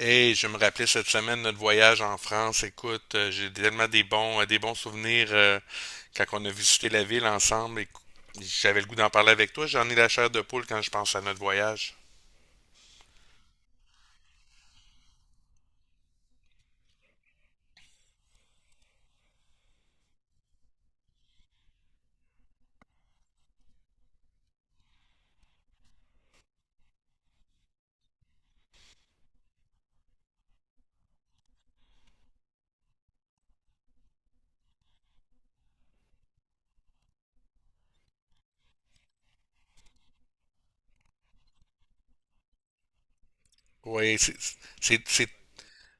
Hey, je me rappelais cette semaine notre voyage en France. Écoute, j'ai tellement des bons souvenirs quand on a visité la ville ensemble. Et j'avais le goût d'en parler avec toi. J'en ai la chair de poule quand je pense à notre voyage. Oui, c'est- c'est-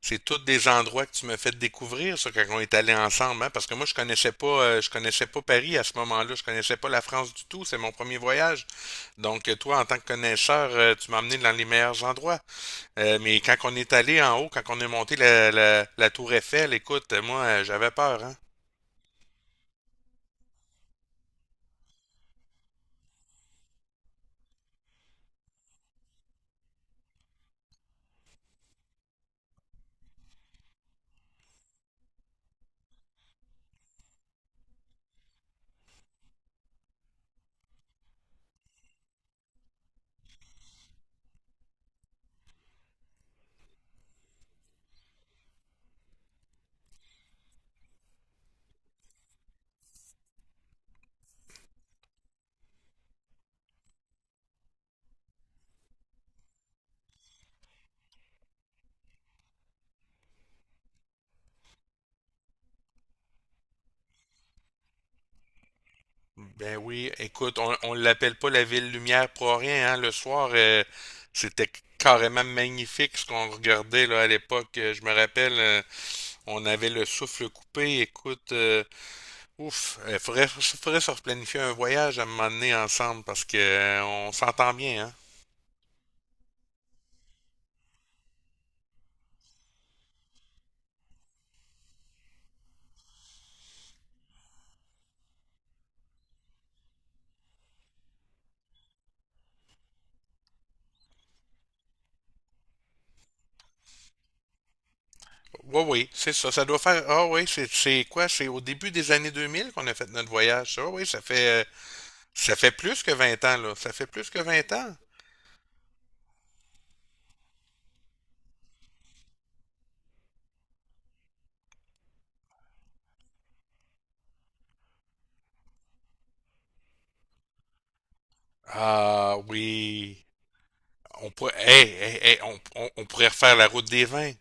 c'est tous des endroits que tu me fais découvrir, ça, quand on est allé ensemble, hein, parce que moi, je connaissais pas Paris à ce moment-là, je connaissais pas la France du tout, c'est mon premier voyage. Donc, toi, en tant que connaisseur, tu m'as emmené dans les meilleurs endroits. Mais quand on est allé en haut, quand on est monté la tour Eiffel, écoute, moi, j'avais peur, hein. Ben oui, écoute, on l'appelle pas la ville lumière pour rien, hein. Le soir, c'était carrément magnifique ce qu'on regardait là à l'époque. Je me rappelle, on avait le souffle coupé. Écoute, ouf, faudrait se replanifier un voyage à un moment donné ensemble parce que on s'entend bien, hein. Oui, oui, c'est ça. Ça doit faire. Ah oui, c'est quoi? C'est au début des années 2000 qu'on a fait notre voyage. Ça. Ah oui, ça fait plus que vingt ans, là. Ça fait plus que 20 ans. Ah oui. On pourrait, hey, hey, hey, on pourrait refaire la route des vins.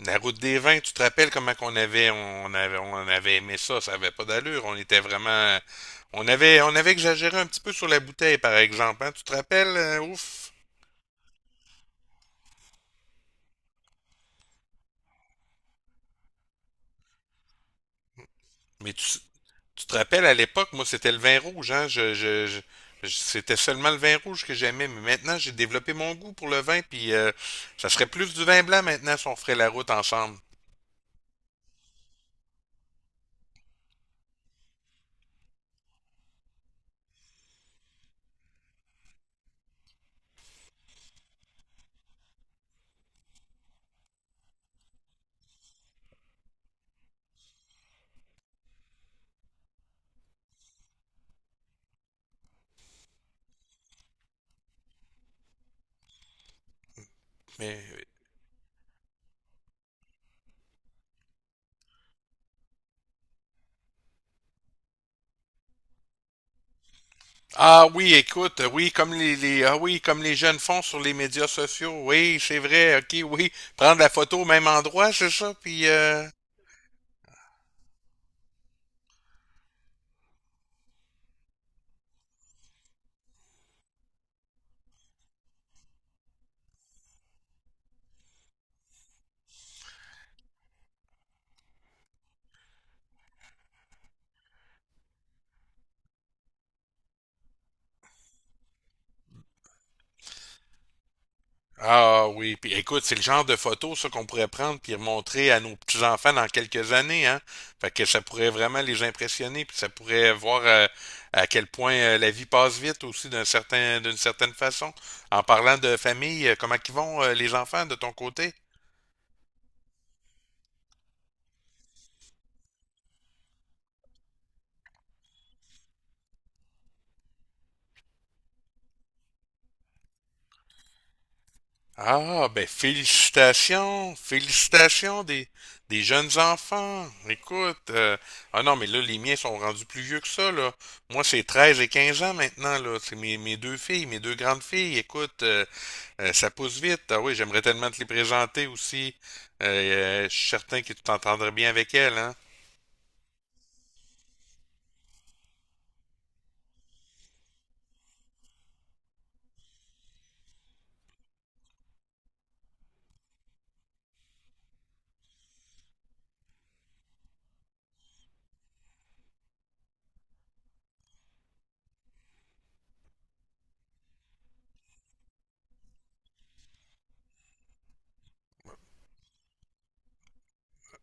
La route des vins, tu te rappelles comment qu'on avait, on avait aimé ça. Ça avait pas d'allure. On était vraiment. On avait exagéré un petit peu sur la bouteille, par exemple. Hein. Tu te rappelles? Ouf. Mais tu, Tu te rappelles, à l'époque, moi, c'était le vin rouge, hein? C'était seulement le vin rouge que j'aimais, mais maintenant, j'ai développé mon goût pour le vin, puis ça serait plus du vin blanc maintenant si on ferait la route ensemble. Mais ah oui, écoute, oui, comme les ah oui, comme les jeunes font sur les médias sociaux, oui, c'est vrai, ok, oui, prendre la photo au même endroit, c'est ça, puis ah oui, puis écoute, c'est le genre de photo ça qu'on pourrait prendre puis montrer à nos petits-enfants dans quelques années, hein. Fait que ça pourrait vraiment les impressionner, puis ça pourrait voir à quel point la vie passe vite aussi d'une certaine façon. En parlant de famille, comment qu'ils vont les enfants de ton côté? Ah, ben félicitations, félicitations des jeunes enfants. Écoute, ah non, mais là, les miens sont rendus plus vieux que ça, là. Moi, c'est 13 et 15 ans maintenant, là. C'est mes deux filles, mes deux grandes filles. Écoute, ça pousse vite. Ah oui, j'aimerais tellement te les présenter aussi. Euh, je suis certain que tu t'entendrais bien avec elles, hein.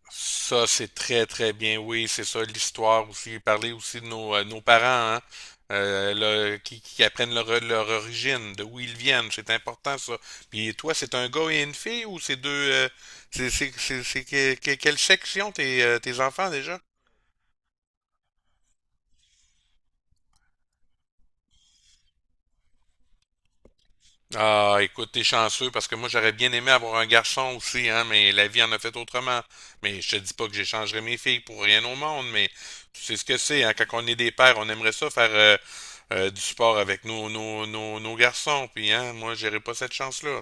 Ça, c'est très, très bien. Oui, c'est ça, l'histoire aussi. Parler aussi de nos, nos parents, hein, euh, qui apprennent leur origine, de où ils viennent. C'est important, ça. Puis toi, c'est un gars et une fille ou c'est deux... quelle section tes, tes enfants déjà? Ah, écoute, t'es chanceux parce que moi j'aurais bien aimé avoir un garçon aussi, hein, mais la vie en a fait autrement. Mais je te dis pas que j'échangerais mes filles pour rien au monde, mais tu sais ce que c'est, hein, quand on est des pères, on aimerait ça faire du sport avec nos garçons, puis hein, moi j'aurais pas cette chance-là.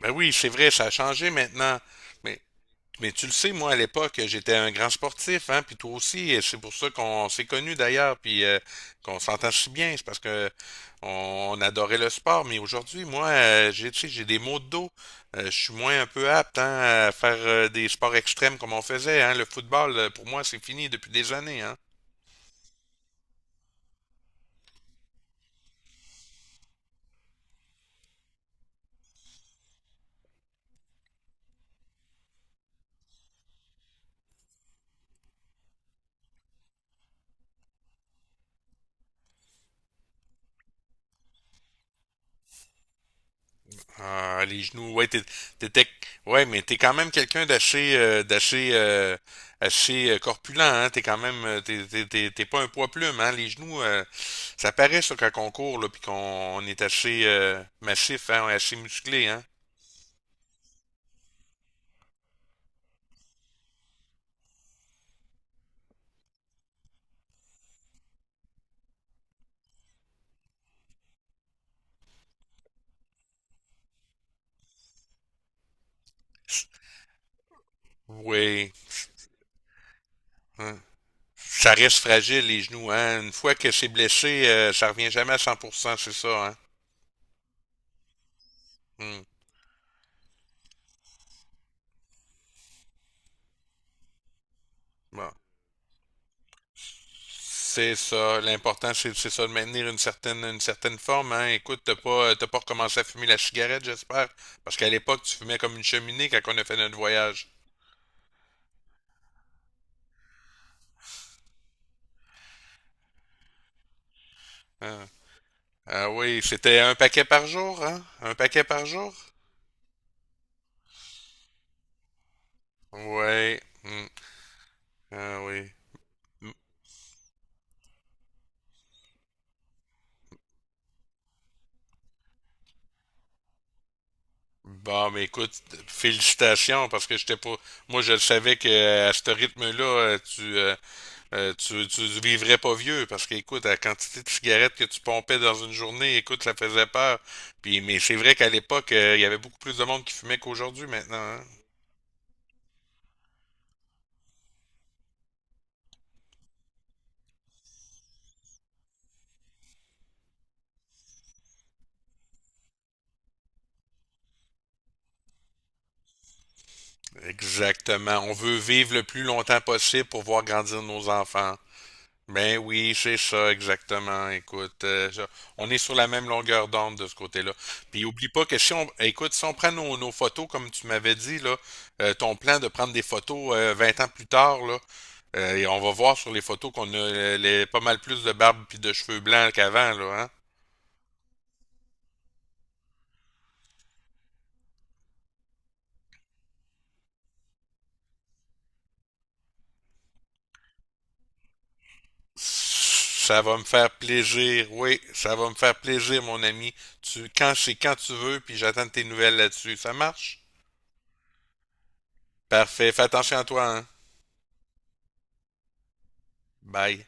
Ben oui, c'est vrai, ça a changé maintenant. Mais Mais tu le sais, moi, à l'époque, j'étais un grand sportif, hein, puis toi aussi, et c'est pour ça qu'on s'est connus d'ailleurs, puis qu'on s'entend si bien, c'est parce que on adorait le sport, mais aujourd'hui, moi, j'ai, tu sais, j'ai des maux de dos. Je suis moins un peu apte, hein, à faire des sports extrêmes comme on faisait, hein. Le football, pour moi, c'est fini depuis des années, hein. Les genoux, ouais, t'étais- ouais, mais t'es quand même quelqu'un d'assez, d'assez, assez corpulent, hein. T'es quand même, t'es pas un poids plume, hein. Les genoux, ça paraît ça quand on court, là, puis qu'on on est assez massif, hein, on est assez musclé, hein. Oui. Hein. Ça reste fragile les genoux, hein. Une fois que c'est blessé, ça revient jamais à 100% c'est ça, hein. Hmm. Bon. C'est ça. L'important, c'est ça, de maintenir une certaine forme, hein. Écoute, t'as pas recommencé à fumer la cigarette, j'espère? Parce qu'à l'époque, tu fumais comme une cheminée quand on a fait notre voyage. Hein. Ah oui, c'était un paquet par jour, hein? Un paquet par jour? Ouais. Hmm. Ah oui. Hmm. Bon, mais écoute, félicitations, parce que j'étais pas... Moi, je le savais que à ce rythme-là, tu vivrais pas vieux parce qu'écoute, la quantité de cigarettes que tu pompais dans une journée, écoute, ça faisait peur. Puis, mais c'est vrai qu'à l'époque, il y avait beaucoup plus de monde qui fumait qu'aujourd'hui maintenant. Hein. Exactement. On veut vivre le plus longtemps possible pour voir grandir nos enfants. Ben oui, c'est ça, exactement. Écoute, on est sur la même longueur d'onde de ce côté-là. Puis oublie pas que si on, écoute, si on prend nos, nos photos, comme tu m'avais dit, là, ton plan de prendre des photos 20 ans plus tard, là, et on va voir sur les photos qu'on a les, pas mal plus de barbe puis de cheveux blancs qu'avant, là, hein? Ça va me faire plaisir, oui, ça va me faire plaisir, mon ami. Tu, quand c'est quand tu veux, puis j'attends tes nouvelles là-dessus. Ça marche? Parfait, fais attention à toi, hein? Bye.